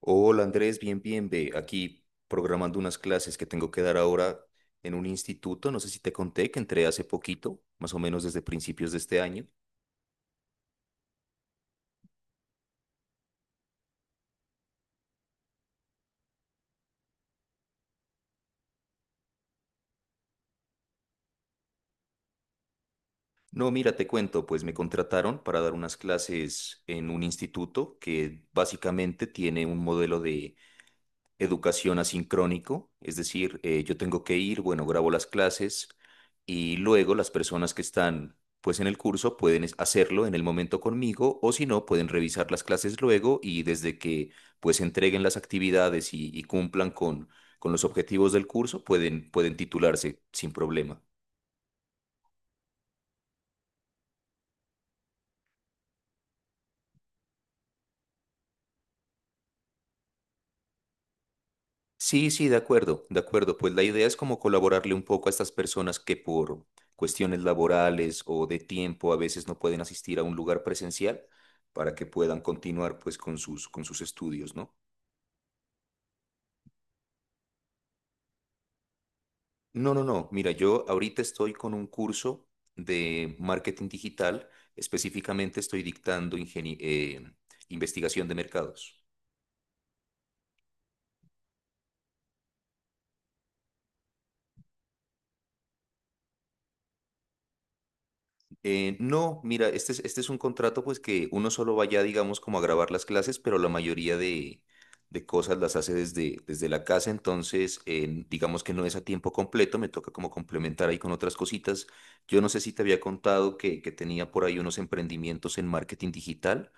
Hola Andrés, bien, bien, ve. Aquí programando unas clases que tengo que dar ahora en un instituto. No sé si te conté que entré hace poquito, más o menos desde principios de este año. No, mira, te cuento, pues me contrataron para dar unas clases en un instituto que básicamente tiene un modelo de educación asincrónico, es decir, yo tengo que ir, bueno, grabo las clases y luego las personas que están pues en el curso pueden hacerlo en el momento conmigo o si no, pueden revisar las clases luego y desde que pues entreguen las actividades y cumplan con los objetivos del curso, pueden, pueden titularse sin problema. Sí, sí, de acuerdo, de acuerdo. Pues la idea es como colaborarle un poco a estas personas que por cuestiones laborales o de tiempo a veces no pueden asistir a un lugar presencial para que puedan continuar pues con sus estudios, ¿no? No, no, no. Mira, yo ahorita estoy con un curso de marketing digital. Específicamente estoy dictando investigación de mercados. No, mira, este es un contrato pues que uno solo vaya, digamos, como a grabar las clases, pero la mayoría de cosas las hace desde, desde la casa, entonces digamos que no es a tiempo completo, me toca como complementar ahí con otras cositas. Yo no sé si te había contado que tenía por ahí unos emprendimientos en marketing digital.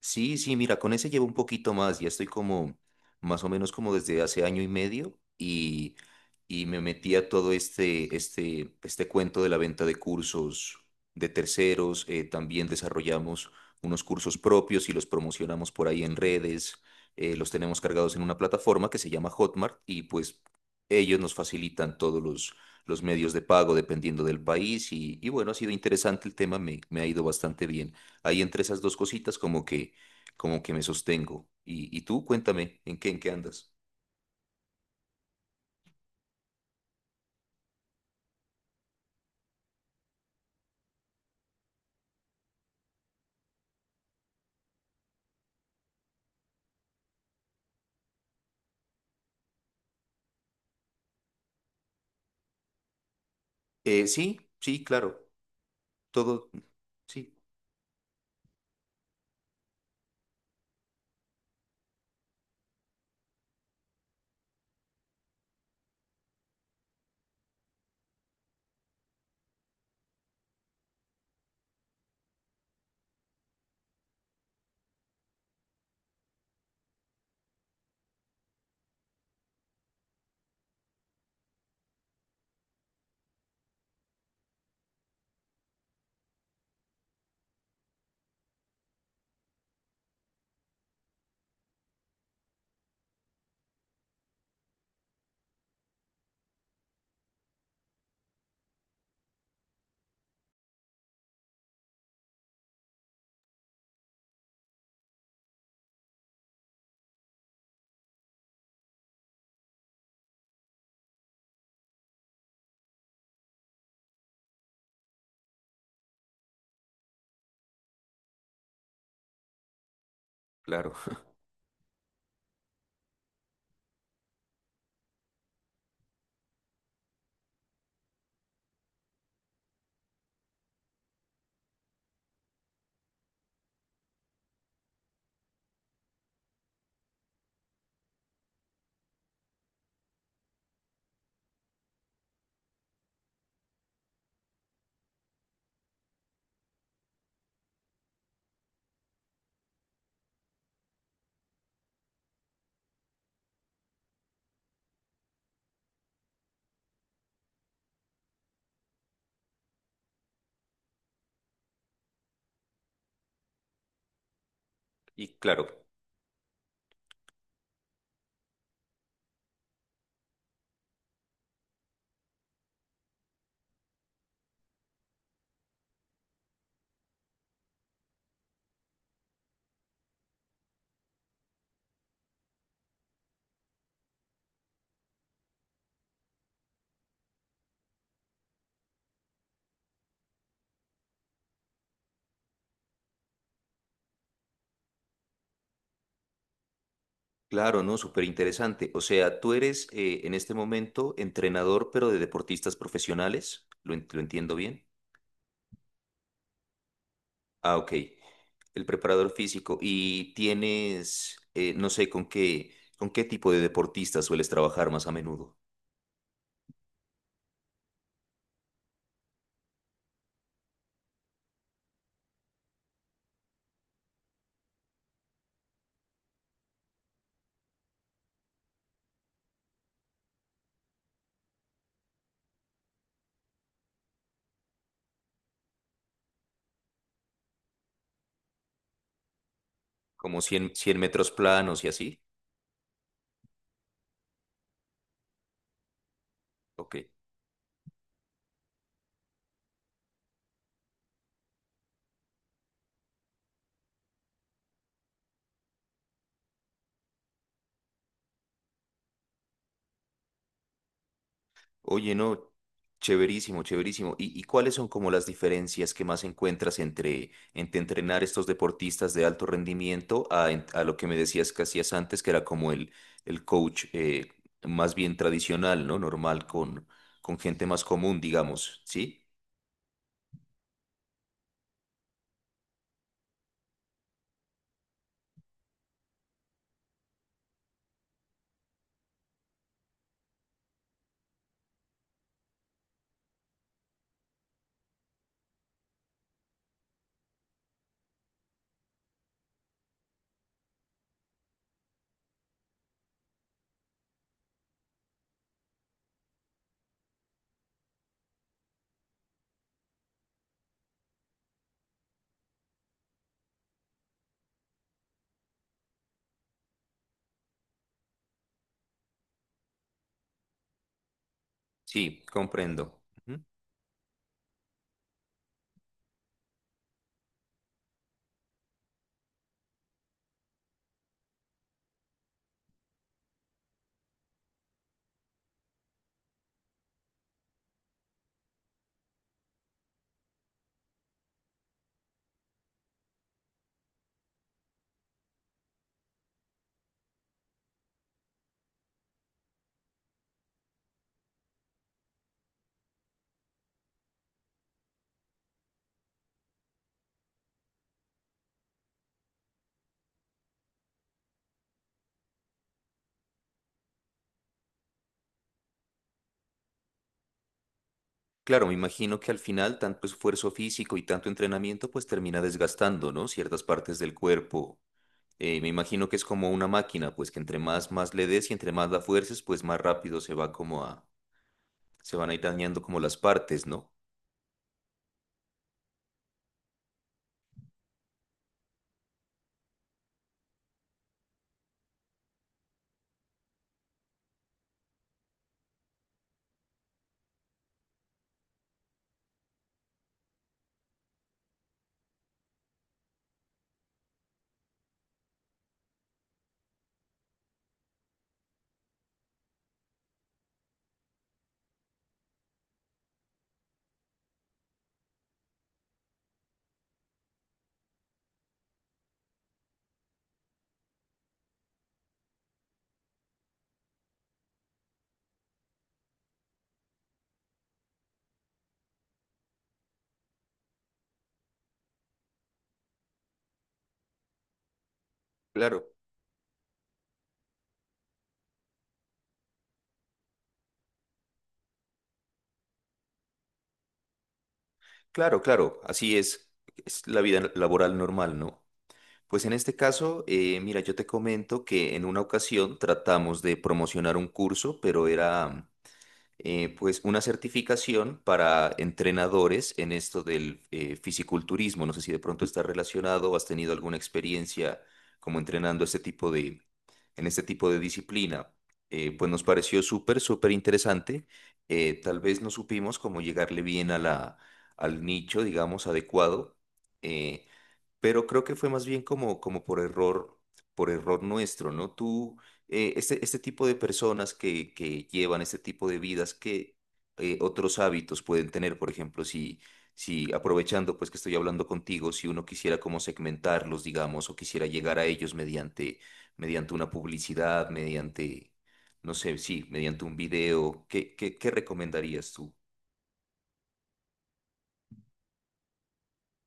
Sí, sí, mira, con ese llevo un poquito más, ya estoy como más o menos como desde hace año y medio y me metí a todo este cuento de la venta de cursos de terceros, también desarrollamos unos cursos propios y los promocionamos por ahí en redes, los tenemos cargados en una plataforma que se llama Hotmart y pues ellos nos facilitan todos los medios de pago dependiendo del país y bueno, ha sido interesante el tema, me ha ido bastante bien. Ahí entre esas dos cositas como que me sostengo. Y tú, cuéntame, en qué andas? Sí, sí, claro, todo, sí, claro, y claro, claro, ¿no? Súper interesante. O sea, tú eres en este momento entrenador, pero de deportistas profesionales, ¿lo entiendo bien? Ah, ok, el preparador físico. ¿Y tienes, no sé, con qué tipo de deportistas sueles trabajar más a menudo? ¿Como 100 metros planos y así? Ok. Oye, no, chéverísimo, chéverísimo. Y cuáles son como las diferencias que más encuentras entre, entre entrenar estos deportistas de alto rendimiento a lo que me decías que hacías antes, que era como el coach más bien tradicional, ¿no? Normal, con gente más común, digamos, ¿sí? Sí, comprendo. Ujú. Claro, me imagino que al final tanto esfuerzo físico y tanto entrenamiento pues termina desgastando, ¿no? Ciertas partes del cuerpo. Me imagino que es como una máquina, pues que entre más, más le des y entre más la fuerces, pues más rápido se van a ir dañando como las partes, ¿no? Claro, claro, claro, así es la vida laboral normal, ¿no? Pues en este caso, mira, yo te comento que en una ocasión tratamos de promocionar un curso, pero era pues una certificación para entrenadores en esto del fisiculturismo. No sé si de pronto está relacionado o has tenido alguna experiencia como entrenando en este tipo de disciplina. Pues nos pareció súper, súper interesante. Tal vez no supimos cómo llegarle bien a la, al nicho, digamos, adecuado. Eh, pero creo que fue más bien como, como por error nuestro, ¿no? Tú, este tipo de personas que llevan este tipo de vidas, ¿qué otros hábitos pueden tener? Por ejemplo, si, si aprovechando pues que estoy hablando contigo, si uno quisiera como segmentarlos, digamos, o quisiera llegar a ellos mediante, mediante una publicidad, mediante, no sé, sí, mediante un video, ¿qué, qué, qué recomendarías tú?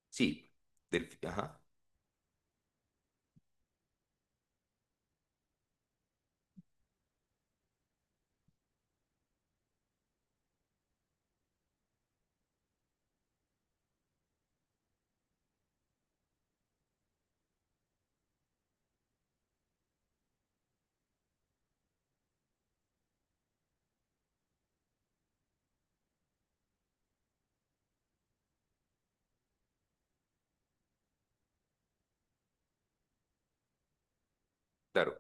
Sí, del- ajá, claro.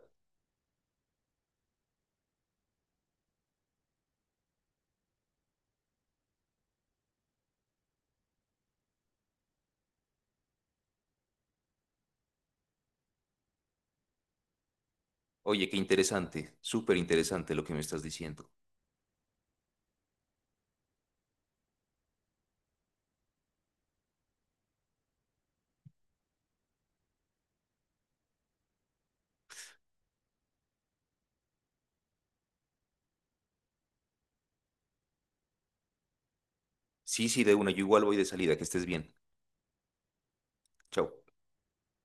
Oye, qué interesante, súper interesante lo que me estás diciendo. Sí, sí, de una, yo igual voy de salida, que estés bien. Chao.